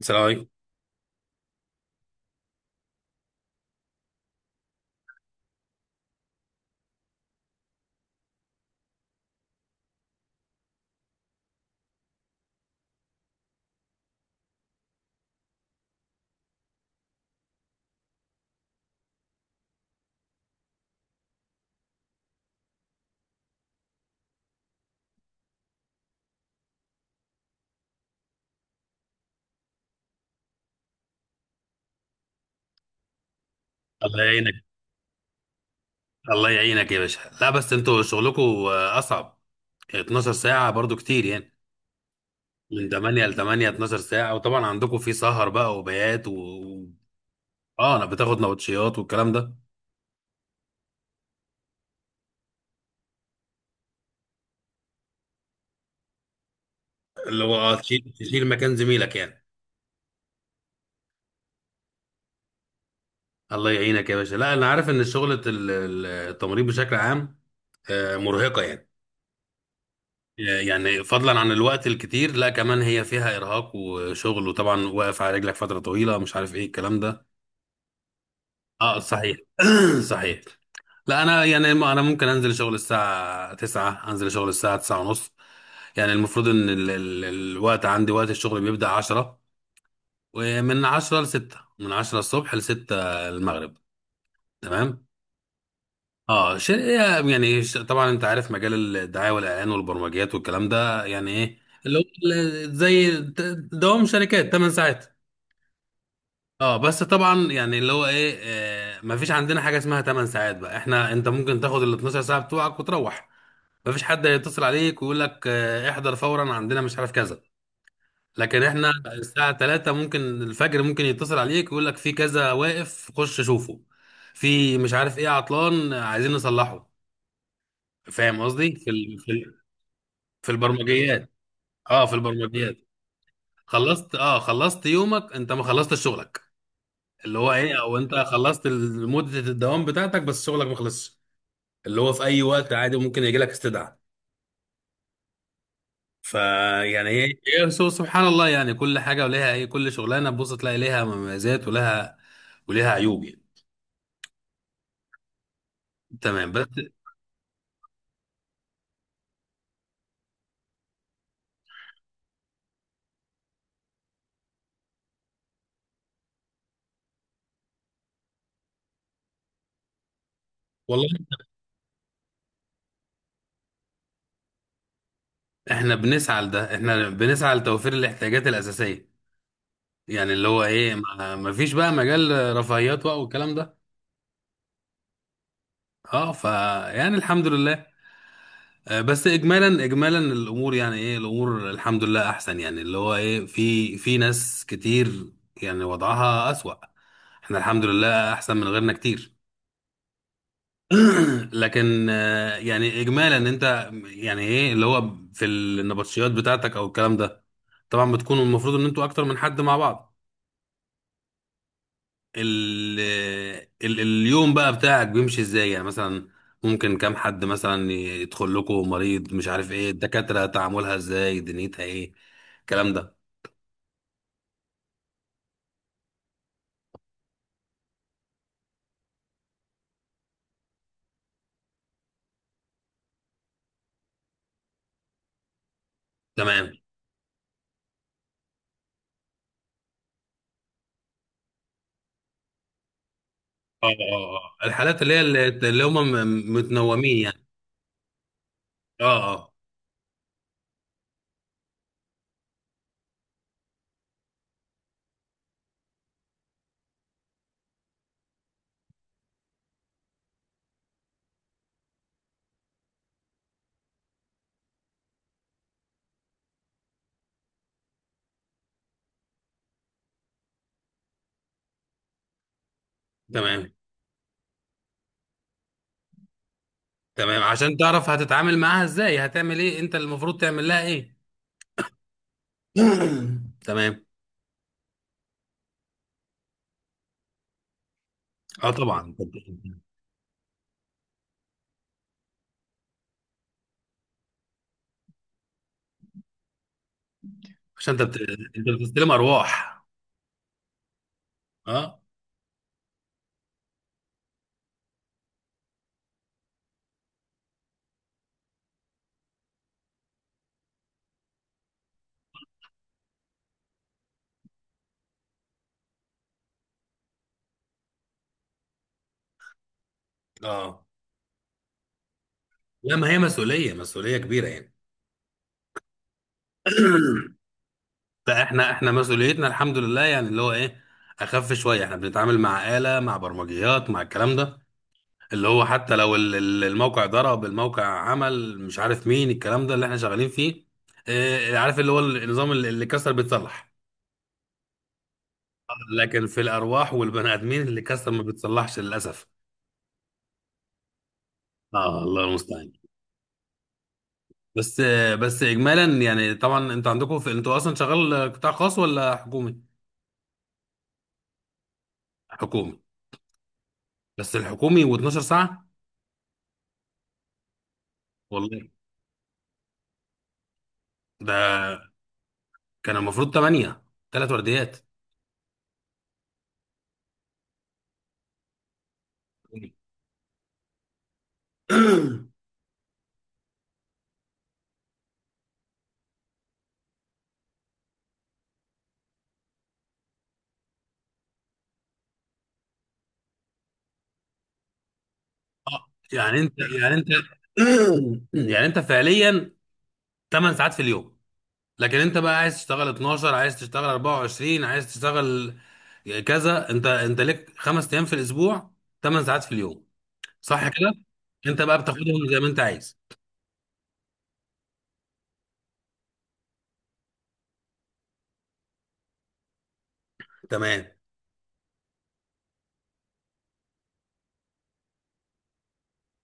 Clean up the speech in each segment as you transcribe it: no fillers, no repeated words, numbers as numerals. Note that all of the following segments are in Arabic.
السلام عليكم. الله يعينك، الله يعينك يا باشا. لا، بس انتوا شغلكم اصعب. 12 ساعة برضو كتير يعني. من 8 ل 8، 12 ساعة، وطبعا عندكم في سهر بقى وبيات اه، انا بتاخد نوتشيات والكلام ده. اللي هو تشيل، تشيل مكان زميلك يعني. الله يعينك يا باشا. لا، انا عارف ان شغلة التمريض بشكل عام، مرهقة يعني. يعني فضلا عن الوقت الكتير، لا كمان هي فيها ارهاق وشغل، وطبعا واقف على رجلك فترة طويلة، مش عارف ايه الكلام ده. اه، صحيح. صحيح. لا انا يعني انا ممكن انزل شغل الساعه 9، انزل شغل الساعه 9 ونص. يعني المفروض ان ال الوقت، عندي وقت الشغل بيبدأ 10، ومن 10 ل 6، من 10 الصبح ل 6 المغرب. تمام. اه ش- طبعا انت عارف مجال الدعايه والاعلان والبرمجيات والكلام ده يعني ايه. اللي هو زي دوام شركات 8 ساعات. اه، بس طبعا يعني اللي هو ايه، مفيش عندنا حاجه اسمها 8 ساعات بقى. احنا انت ممكن تاخد ال 12 ساعه بتوعك وتروح، مفيش حد هيتصل عليك ويقول لك احضر فورا عندنا مش عارف كذا. لكن احنا الساعه 3 ممكن، الفجر ممكن يتصل عليك ويقول لك في كذا واقف، خش شوفه، في مش عارف ايه عطلان عايزين نصلحه. فاهم قصدي؟ في البرمجيات. اه، في البرمجيات. خلصت يومك، انت ما خلصتش شغلك. اللي هو ايه، او انت خلصت مدة الدوام بتاعتك بس شغلك ما خلصش. اللي هو في اي وقت عادي ممكن يجي لك استدعاء. فيعني ايه، سبحان الله يعني. كل حاجة وليها ايه، كل شغلانة تبص تلاقي ليها مميزات، ولها وليها عيوب يعني. تمام بس. والله احنا بنسعى لده، احنا بنسعى لتوفير الاحتياجات الأساسية. يعني اللي هو ايه، ما فيش بقى مجال رفاهيات بقى والكلام ده. اه، فيعني الحمد لله. بس اجمالا، اجمالا الامور، يعني ايه الامور الحمد لله احسن، يعني اللي هو ايه، في ناس كتير يعني وضعها اسوأ. احنا الحمد لله احسن من غيرنا كتير. لكن يعني اجمالا، انت يعني ايه، اللي هو في النبطشيات بتاعتك او الكلام ده، طبعا بتكونوا المفروض ان انتوا اكتر من حد مع بعض. ال ال اليوم بقى بتاعك بيمشي ازاي يعني؟ مثلا ممكن كام حد مثلا يدخل لكم مريض، مش عارف ايه الدكاترة تعاملها ازاي، دنيتها ايه الكلام ده. تمام. اه، اه، اه. الحالات اللي هي اللي هم متنومين يعني. اه، اه. تمام، تمام، عشان تعرف هتتعامل معاها ازاي، هتعمل ايه، انت المفروض تعمل لها ايه. تمام. اه، طبعا، عشان انت انت بتستلم ارواح. اه، اه. لا، ما هي مسؤولية، مسؤولية كبيرة يعني. لا احنا مسؤوليتنا الحمد لله، يعني اللي هو ايه، اخف شويه. احنا بنتعامل مع آلة، مع برمجيات، مع الكلام ده، اللي هو حتى لو الموقع ضرب، الموقع عمل مش عارف مين، الكلام ده اللي احنا شغالين فيه. اه، عارف اللي هو النظام اللي كسر بيتصلح. لكن في الارواح والبني ادمين، اللي كسر ما بيتصلحش للاسف. اه، الله المستعان. بس اجمالا يعني، طبعا انتوا عندكم في، انتوا اصلا شغال قطاع خاص ولا حكومي؟ حكومي. بس الحكومي و12 ساعه؟ والله ده كان المفروض 8، 3 ورديات. يعني انت، يعني انت فعليا 8 ساعات في اليوم، لكن انت بقى عايز تشتغل 12، عايز تشتغل 24، عايز تشتغل كذا. انت ليك 5 ايام في الاسبوع، 8 ساعات في اليوم، صح كده؟ انت بقى بتاخدهم زي ما انت عايز. تمام.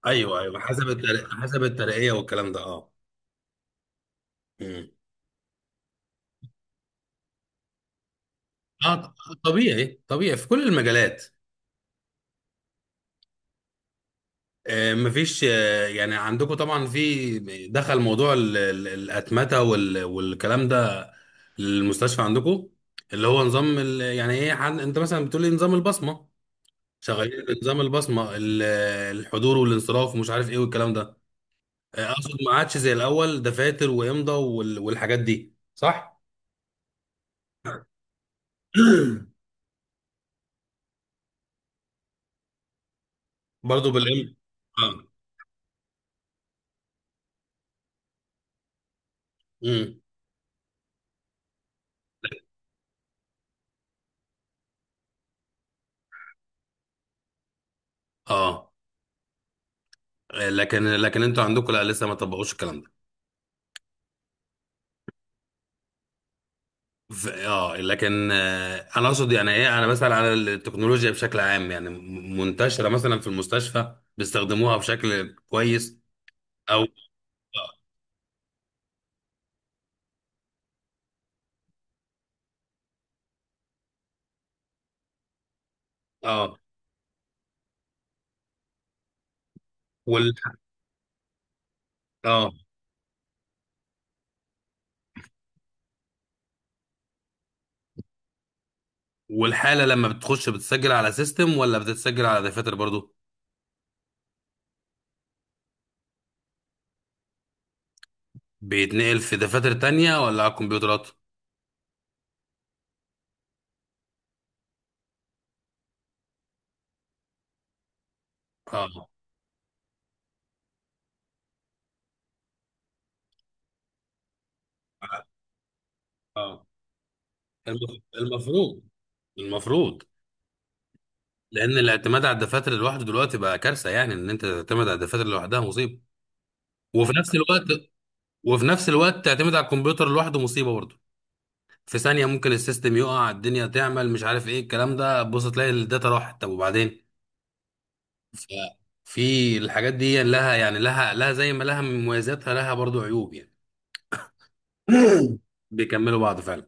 ايوه، ايوه، حسب الترقية، حسب الترقية والكلام ده. اه. مم. اه. طبيعي، طبيعي في كل المجالات. مفيش يعني عندكم طبعا في، دخل موضوع الأتمتة والكلام ده، المستشفى عندكم اللي هو نظام يعني ايه انت مثلا بتقول لي نظام البصمة، شغالين بنظام البصمة الحضور والانصراف ومش عارف ايه والكلام ده. اقصد ما عادش زي الأول دفاتر وإمضة والحاجات دي، صح؟ برضه بالإمضة. اه. مم. اه. لكن انتوا عندكم لا لسه ما طبقوش الكلام ده. لكن انا اقصد يعني ايه، انا بسأل على التكنولوجيا بشكل عام، يعني منتشرة مثلا في المستشفى بيستخدموها بشكل كويس؟ او اه آه، وال اه والحالة لما بتخش بتسجل على سيستم ولا بتتسجل على دفاتر برضو؟ بيتنقل في دفاتر تانية ولا على الكمبيوترات؟ اه، اه. آه، المفروض، المفروض. لان الاعتماد على الدفاتر لوحده دلوقتي بقى كارثة، يعني ان انت تعتمد على الدفاتر لوحدها مصيبة. وفي نفس الوقت وفي نفس الوقت تعتمد على الكمبيوتر لوحده مصيبه برضه. في ثانيه ممكن السيستم يقع، الدنيا تعمل مش عارف ايه الكلام ده، بص تلاقي الداتا راحت، طب وبعدين. ف- في الحاجات دي لها يعني لها زي ما لها من مميزاتها، لها برضه عيوب يعني. بيكملوا بعض فعلا.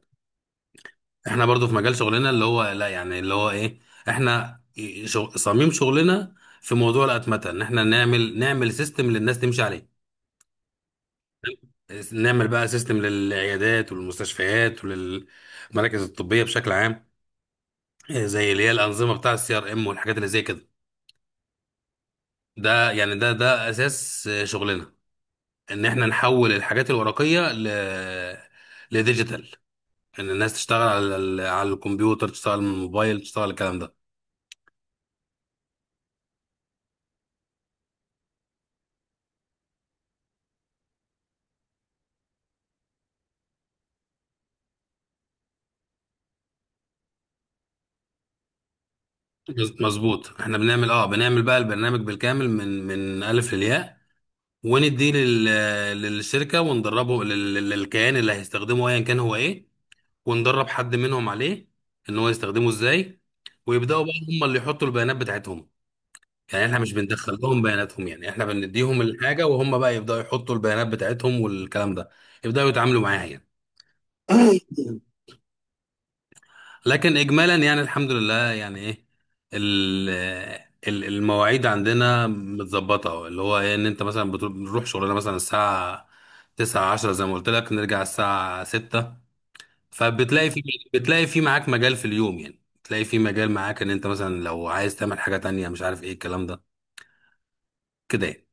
احنا برضو في مجال شغلنا، اللي هو لا يعني اللي هو ايه، احنا صميم شغلنا في موضوع الاتمته، ان احنا نعمل سيستم للناس تمشي عليه، نعمل بقى سيستم للعيادات والمستشفيات وللمراكز الطبيه بشكل عام. زي اللي هي الانظمه بتاع الCRM والحاجات اللي زي كده. ده يعني ده اساس شغلنا، ان احنا نحول الحاجات الورقيه لديجيتال، ان الناس تشتغل على على الكمبيوتر، تشتغل من الموبايل، تشتغل على الكلام ده. مظبوط. احنا بنعمل، بقى البرنامج بالكامل من الف للياء، ونديه للشركه، وندربه للكيان اللي هيستخدمه ايا كان هو ايه، وندرب حد منهم عليه ان هو يستخدمه ازاي، ويبداوا بقى هم اللي يحطوا البيانات بتاعتهم. يعني احنا مش بندخل لهم بياناتهم، يعني احنا بنديهم الحاجه وهم بقى يبداوا يحطوا البيانات بتاعتهم والكلام ده، يبداوا يتعاملوا معاها يعني. لكن اجمالا يعني الحمد لله، يعني ايه، ال- المواعيد عندنا متظبطه، اللي هو ايه ان انت مثلا بنروح شغلنا مثلا الساعه 9، 10 زي ما قلت لك، نرجع الساعه 6. فبتلاقي في بتلاقي في معاك مجال في اليوم، يعني بتلاقي في مجال معاك، ان انت مثلا لو عايز تعمل حاجه تانية، مش عارف ايه الكلام ده، كده يعني.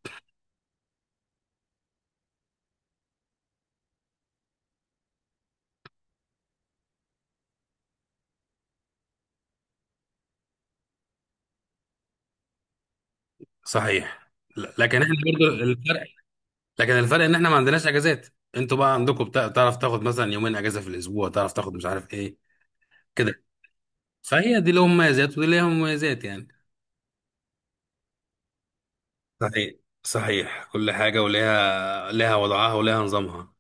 صحيح. لكن احنا برضو الفرق، لكن الفرق ان احنا ما عندناش اجازات. انتوا بقى عندكم تعرف تاخد مثلا يومين اجازه في الاسبوع، تعرف تاخد مش عارف ايه كده. فهي دي لهم مميزات ودي ليها مميزات يعني. صحيح، صحيح. كل حاجه ليها وضعها وليها نظامها.